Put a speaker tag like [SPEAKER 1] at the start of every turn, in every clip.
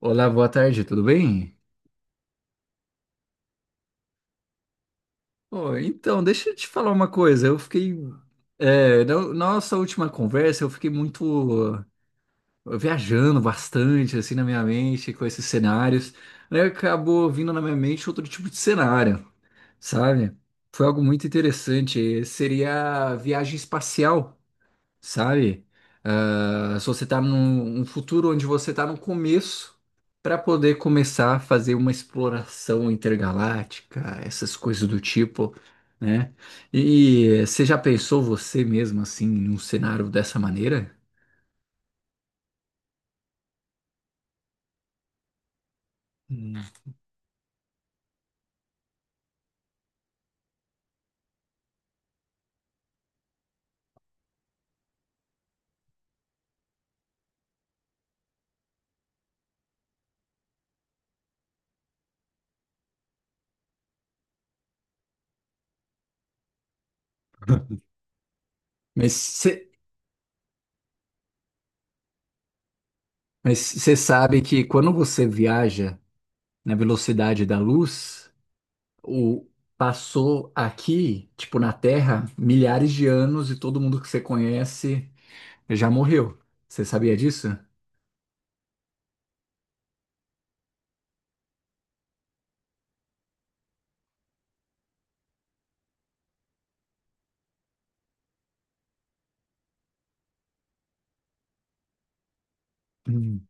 [SPEAKER 1] Olá, boa tarde, tudo bem? Ô, então, deixa eu te falar uma coisa. Eu fiquei. É, na na nossa última conversa, eu fiquei muito uh, viajando bastante, assim, na minha mente, com esses cenários. Aí acabou vindo na minha mente outro tipo de cenário, sabe? Foi algo muito interessante. Seria a viagem espacial. Sabe? Se você está num futuro onde você está no começo, para poder começar a fazer uma exploração intergaláctica, essas coisas do tipo, né? E você já pensou você mesmo assim num cenário dessa maneira? Hum. Mas você mas você sabe que quando você viaja na velocidade da luz, o passou aqui, tipo na Terra, milhares de anos e todo mundo que você conhece já morreu. Você sabia disso? Hum.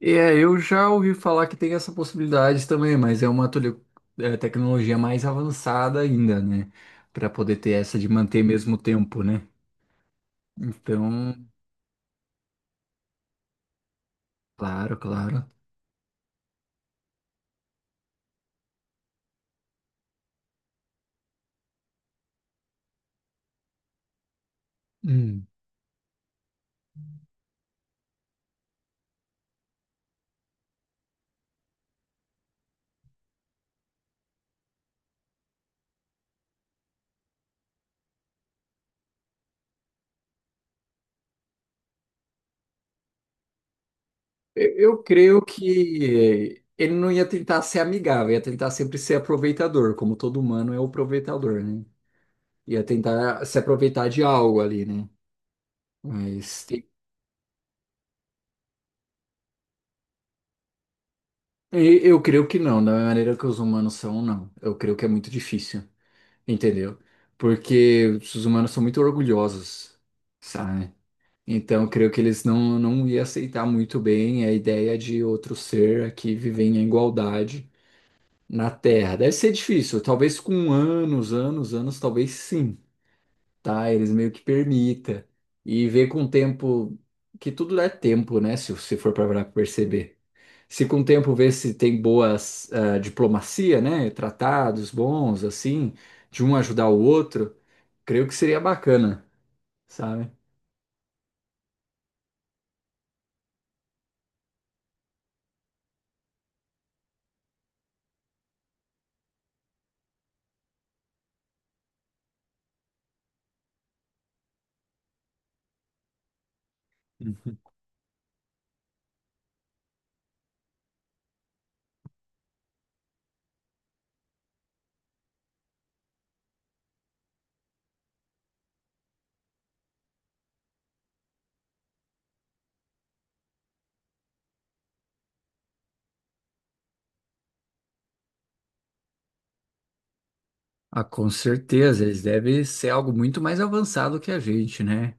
[SPEAKER 1] Eu já ouvi falar que tem essa possibilidade também, mas é uma tecnologia mais avançada ainda, né? Para poder ter essa de manter mesmo tempo, né? Então, claro, claro. Hum. Eu creio que ele não ia tentar ser amigável, ia tentar sempre ser aproveitador, como todo humano é o aproveitador, né? Ia tentar se aproveitar de algo ali, né? Mas eu creio que não, da maneira que os humanos são, não. Eu creio que é muito difícil, entendeu? Porque os humanos são muito orgulhosos, sabe? Então, eu creio que eles não, não iam aceitar muito bem a ideia de outro ser aqui viver em igualdade na Terra. Deve ser difícil, talvez com anos, anos, anos, talvez sim, tá? Eles meio que permita. E ver com o tempo, que tudo dá tempo, né? Se for para perceber. Se com o tempo ver se tem boas diplomacia, né? Tratados bons, assim, de um ajudar o outro, creio que seria bacana, sabe? Ah, com certeza, eles devem ser algo muito mais avançado que a gente, né?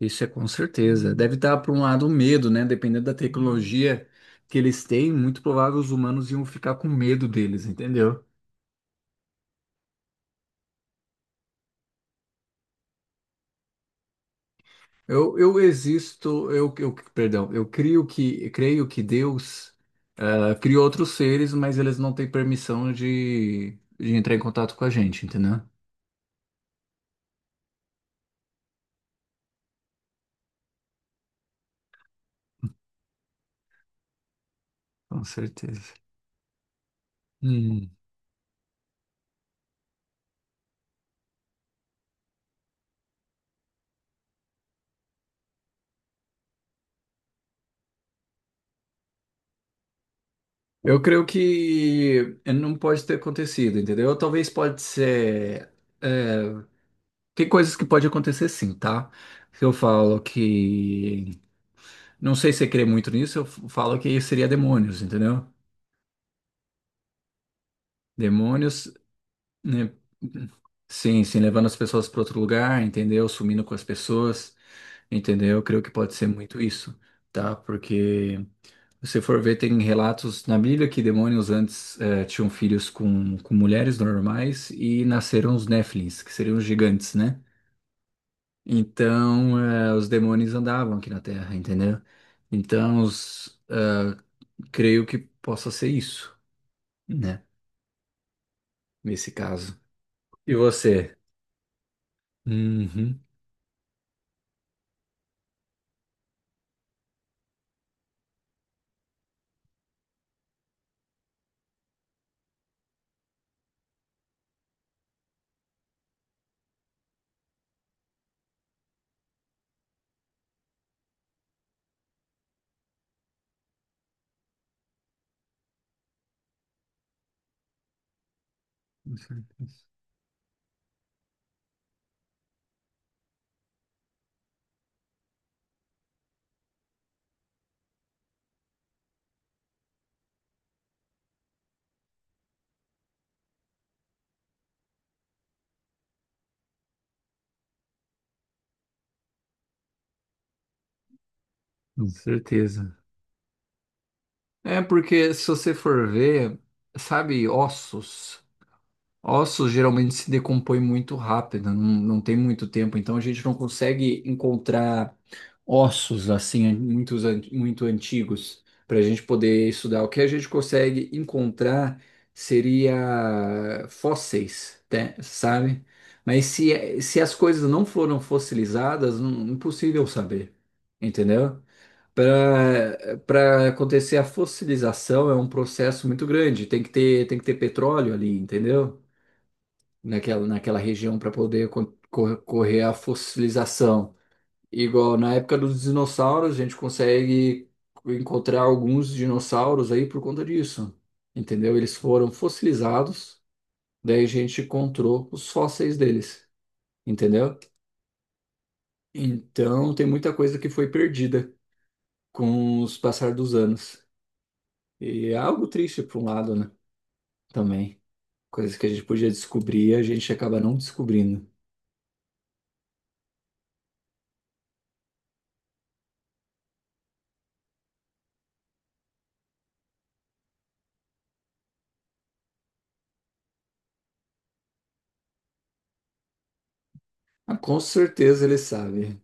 [SPEAKER 1] Isso é com certeza. Deve estar, por um lado, um medo, né? Dependendo da tecnologia que eles têm, muito provável os humanos iam ficar com medo deles, entendeu? Eu existo, eu, perdão, creio que Deus criou outros seres, mas eles não têm permissão de entrar em contato com a gente, entendeu? Com certeza. Hum. Eu creio que não pode ter acontecido, entendeu? Talvez pode ser. é, Tem coisas que pode acontecer sim, tá? Se Eu falo que. Não sei se você crê muito nisso, eu falo que seria demônios, entendeu? Demônios, né? Sim, sim, levando as pessoas para outro lugar, entendeu? Sumindo com as pessoas, entendeu? Eu creio que pode ser muito isso, tá? Porque se você for ver, tem relatos na Bíblia que demônios antes tinham filhos com mulheres normais e nasceram os Néfilins, que seriam os gigantes, né? Então, os demônios andavam aqui na Terra, entendeu? Então, creio que possa ser isso, né? Nesse caso. E você? Uhum. Com certeza. É porque se você for ver, sabe, ossos. Ossos geralmente se decompõem muito rápido, não, não tem muito tempo, então a gente não consegue encontrar ossos assim, muitos, muito antigos, para a gente poder estudar. O que a gente consegue encontrar seria fósseis, né, sabe? Mas se as coisas não foram fossilizadas, não, impossível saber, entendeu? Para acontecer a fossilização é um processo muito grande. Tem que ter petróleo ali, entendeu? Naquela, naquela região para poder correr a fossilização. Igual na época dos dinossauros, a gente consegue encontrar alguns dinossauros aí por conta disso, entendeu? Eles foram fossilizados, daí a gente encontrou os fósseis deles, entendeu? Então tem muita coisa que foi perdida com os passar dos anos. E é algo triste por um lado, né? Também. Coisas que a gente podia descobrir, a gente acaba não descobrindo. Ah, com certeza ele sabe.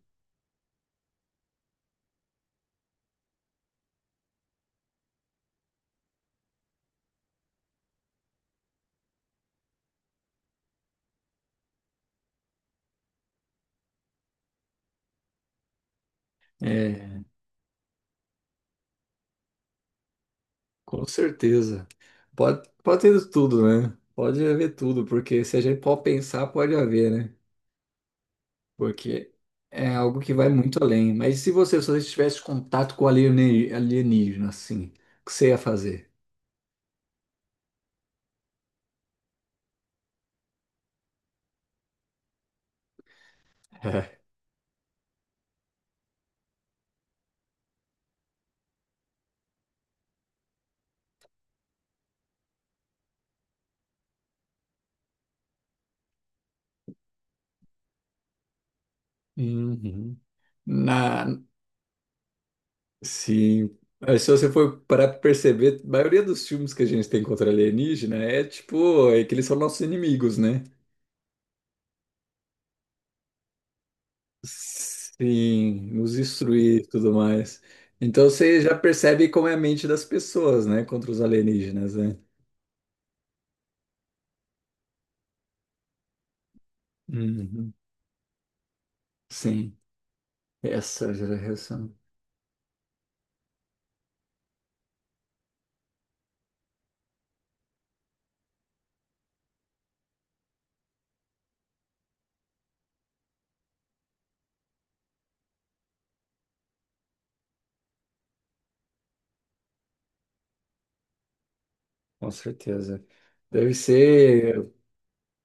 [SPEAKER 1] É, com certeza. Pode, pode ter tudo, né? Pode haver tudo, porque se a gente for pensar, pode haver, né? Porque é algo que vai muito além. Mas e se você, se você tivesse contato com alienígena, assim, o que você ia fazer? Uhum. Na, sim. Aí, se você for parar pra perceber, a maioria dos filmes que a gente tem contra alienígena é tipo, é que eles são nossos inimigos, né? Sim, nos destruir e tudo mais. Então você já percebe como é a mente das pessoas, né? Contra os alienígenas, né? Uhum. Sim, essa geração, com certeza. Deve ser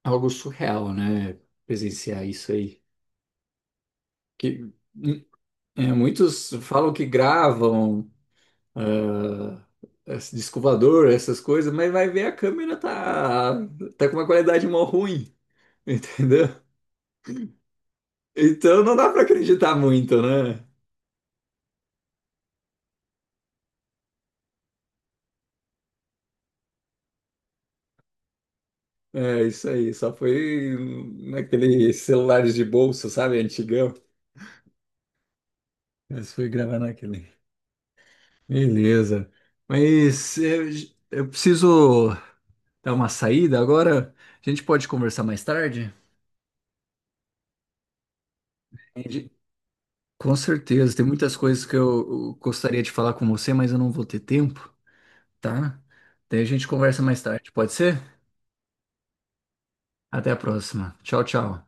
[SPEAKER 1] algo surreal, né? Presenciar isso aí. Que, hum, é, muitos falam que gravam, ah, esse disco voador, essas coisas, mas vai ver a câmera tá com uma qualidade mó ruim, entendeu? Então não dá pra acreditar muito, né? É isso aí, só foi naquele celulares de bolso, sabe, antigão. Mas foi gravar naquele. Beleza. Mas eu, eu preciso dar uma saída agora. A gente pode conversar mais tarde? Entendi. Com certeza, tem muitas coisas que eu gostaria de falar com você, mas eu não vou ter tempo. Tá? Daí a gente conversa mais tarde, pode ser? Até a próxima. Tchau, tchau.